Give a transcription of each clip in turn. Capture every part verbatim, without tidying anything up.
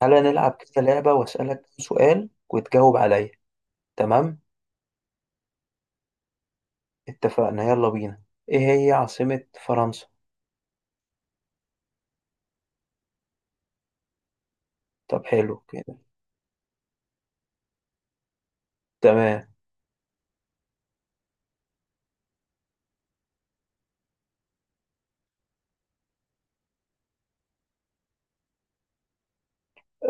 تعالى نلعب كده لعبة وأسألك كام سؤال وتجاوب عليا. تمام، اتفقنا. يلا بينا، ايه هي عاصمة فرنسا؟ طب حلو كده. تمام،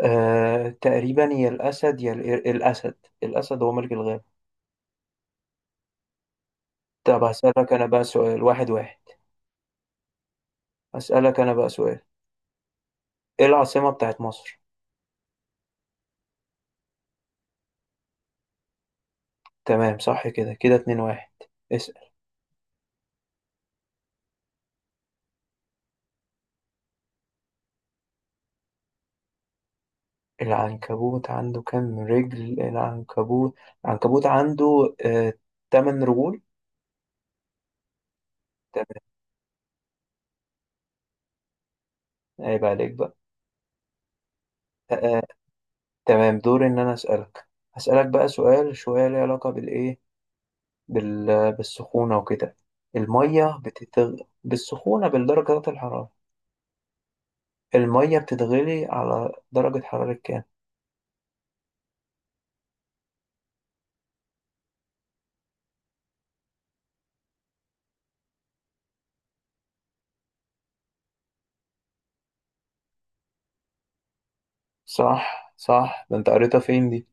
آه تقريبا يا الأسد يا القر- الأسد. الأسد هو ملك الغابة. طب هسألك أنا بقى سؤال واحد واحد. هسألك أنا بقى سؤال، ايه العاصمة بتاعت مصر؟ تمام صح، كده كده اتنين واحد. اسأل. العنكبوت عنده كام رجل؟ العنكبوت، العنكبوت عنده آه تمن رجول. تمام. عيب عليك بقى. آه، تمام، دوري ان انا اسالك. هسالك بقى سؤال شويه ليه علاقه بالايه بال... بالسخونه وكده. الميه بتتغ... بالسخونه، بالدرجات الحراره. الميه بتتغلي على درجه حراره كام؟ صح صح، ده انت قريتها فين دي؟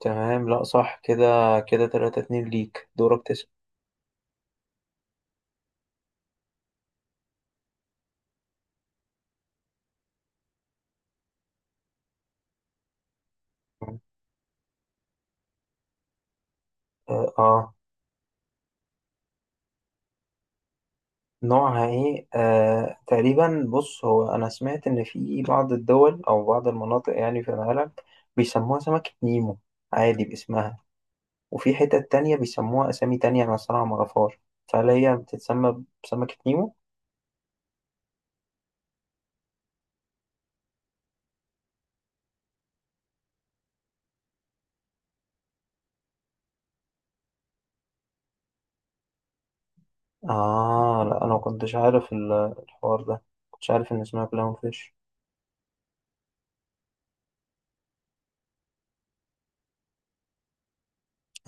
تمام، لا صح كده. كده ثلاثة اثنين ليك، دورك تسال. اه، آه. نوعها ايه؟ آه تقريبا، بص هو انا سمعت ان في بعض الدول او بعض المناطق يعني في العالم بيسموها سمكة نيمو عادي باسمها، وفي حتت تانية بيسموها أسامي تانية. أنا الصراحة مغفار، فهل هي بتتسمى بسمكة نيمو؟ آه لا، أنا ما كنتش عارف ال- الحوار ده. كنتش عارف إن اسمها كلاون فيش.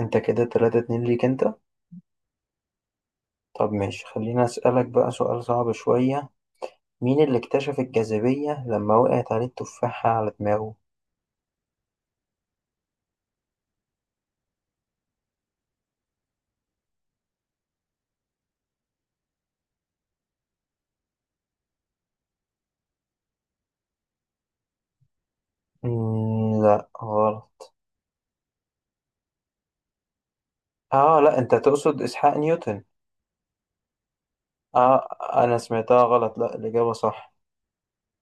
أنت كده تلاتة اتنين ليك أنت. طب ماشي، خليني أسألك بقى سؤال صعب شوية. مين اللي اكتشف الجاذبية لما وقعت عليه التفاحة على دماغه؟ مم لا غلط. آه لا، أنت تقصد إسحاق نيوتن؟ آه، أنا سمعتها غلط. لا الإجابة صح،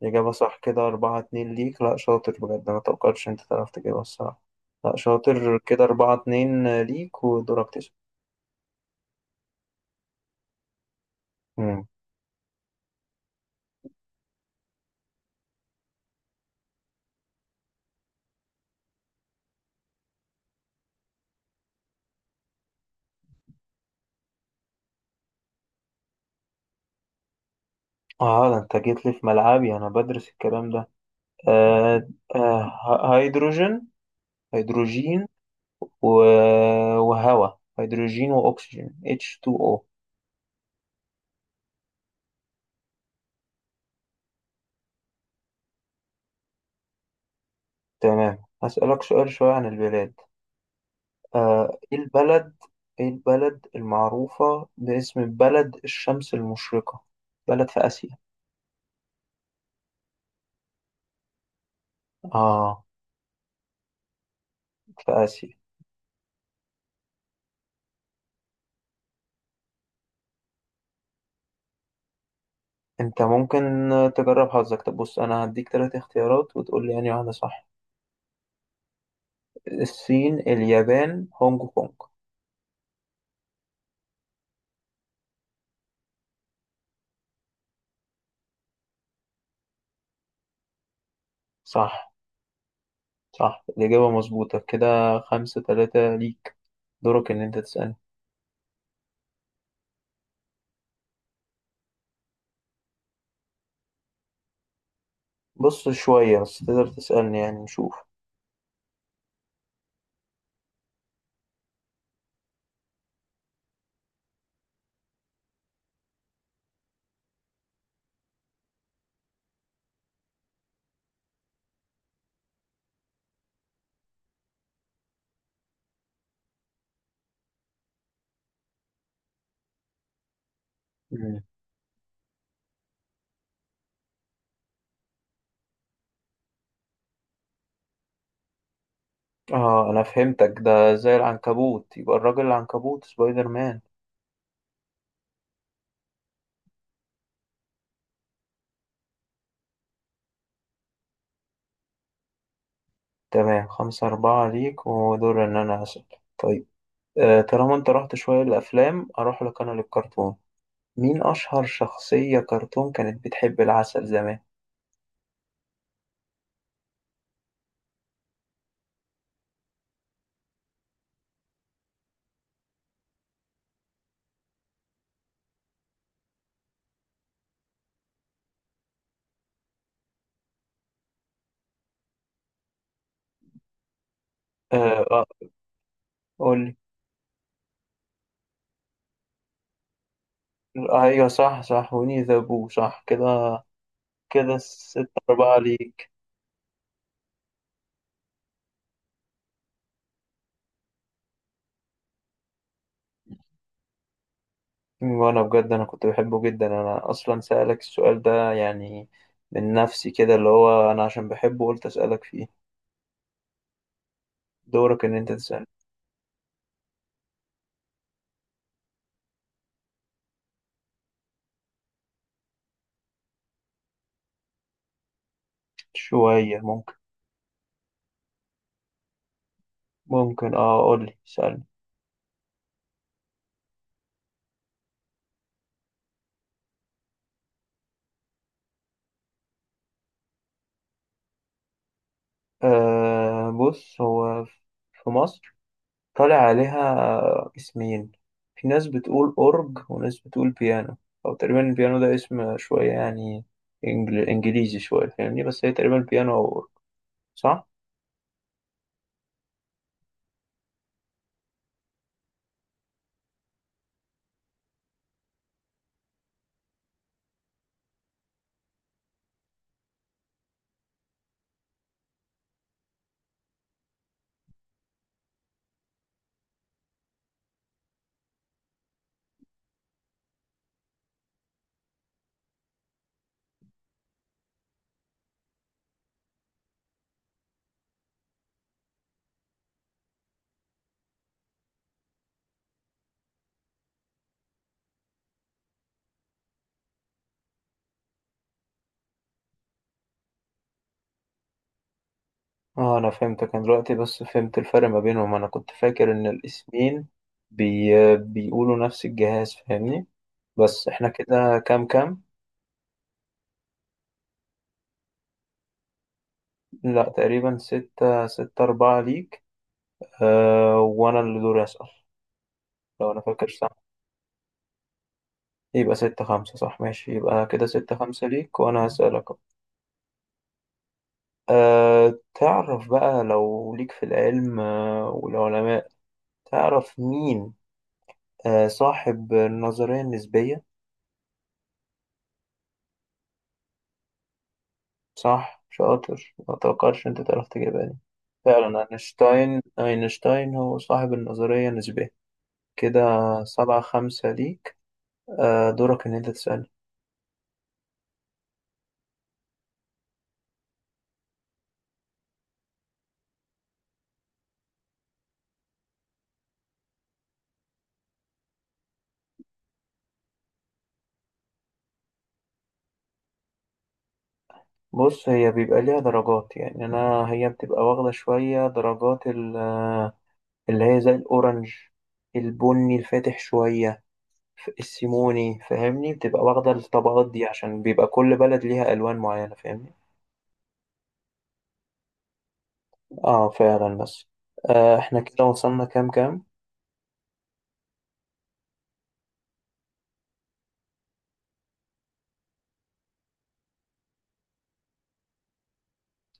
إجابة صح. كده أربعة اتنين ليك. لأ شاطر بجد، ما توقعتش أنت تعرف تجيبها الصراحة. لأ شاطر. كده أربعة اتنين ليك، ودورك تسأل. مم. اه ده انت جيت لي في ملعبي، انا بدرس الكلام ده. آه، آه ه- هيدروجين. هيدروجين و... وهواء، هيدروجين واكسجين، إتش تو أو. تمام، هسألك سؤال شوية عن البلاد. آه ايه البلد، ايه البلد المعروفة باسم بلد الشمس المشرقة؟ بلد في آسيا. اه، في آسيا. انت ممكن تجرب حظك. طب بص، انا هديك ثلاث اختيارات وتقول لي يعني واحدة صح. الصين، اليابان، هونج كونج. صح، صح الإجابة مظبوطة. كده خمسة ثلاثة ليك. دورك ان انت تسألني. بص شوية، بس تقدر تسألني يعني نشوف. مم. اه انا فهمتك، ده زي العنكبوت، يبقى الراجل العنكبوت، سبايدر مان. تمام، خمسة أربعة ليك، ودور ان انا أسأل. طيب، آه طالما انت رحت شوية للأفلام أروح لك انا للكرتون. مين أشهر شخصية كرتون كانت بتحب العسل زمان؟ آه، آه، قولي. أيوة صح صح، وني ذا بو، صح. كده كده ستة أربعة ليك. وأنا بجد أنا كنت بحبه جدا، أنا أصلا سألك السؤال ده يعني من نفسي كده، اللي هو أنا عشان بحبه قلت أسألك فيه. دورك إن أنت تسأل. شوية ممكن. ممكن أه، قولي سألني. آه بص، هو في مصر طالع عليها اسمين، في ناس بتقول أورج وناس بتقول بيانو. أو تقريبا البيانو ده اسم شوية يعني إنجل... إنجليزي شوية، فاهمني؟ بس هي تقريبا بيانو أو أورج، صح؟ اه أنا فهمتك، أنا دلوقتي بس فهمت الفرق ما بينهم. أنا كنت فاكر إن الاسمين بي... بيقولوا نفس الجهاز، فاهمني؟ بس احنا كده كام كام؟ لا تقريبا ستة، ستة أربعة ليك. أه وأنا اللي دوري أسأل. لو أنا فاكر صح يبقى ستة خمسة، صح؟ ماشي، يبقى كده ستة خمسة ليك وأنا هسألك أهو. أه تعرف بقى، لو ليك في العلم أه والعلماء، تعرف مين أه صاحب النظرية النسبية؟ صح شاطر، ما توقعتش أنت تعرف تجيبها دي. فعلا أينشتاين، أينشتاين هو صاحب النظرية النسبية. كده سبعة خمسة ليك. أه دورك إن أنت تسألني. بص هي بيبقى ليها درجات يعني، أنا هي بتبقى واخدة شوية درجات، ال اللي هي زي الأورنج، البني الفاتح شوية. ف- السيموني، فاهمني؟ بتبقى واخدة الطبقات دي عشان بيبقى كل بلد ليها ألوان معينة، فاهمني؟ اه فعلا، بس آه احنا كده وصلنا كام كام؟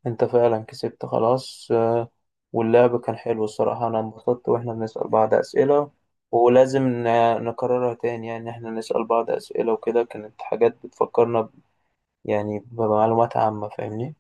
انت فعلا كسبت خلاص، آه واللعب كان حلو الصراحة، انا انبسطت واحنا بنسأل بعض أسئلة. ولازم ن- نكررها تاني يعني، احنا نسأل بعض أسئلة وكده، كانت حاجات بتفكرنا ب- يعني بمعلومات عامة، فاهمني؟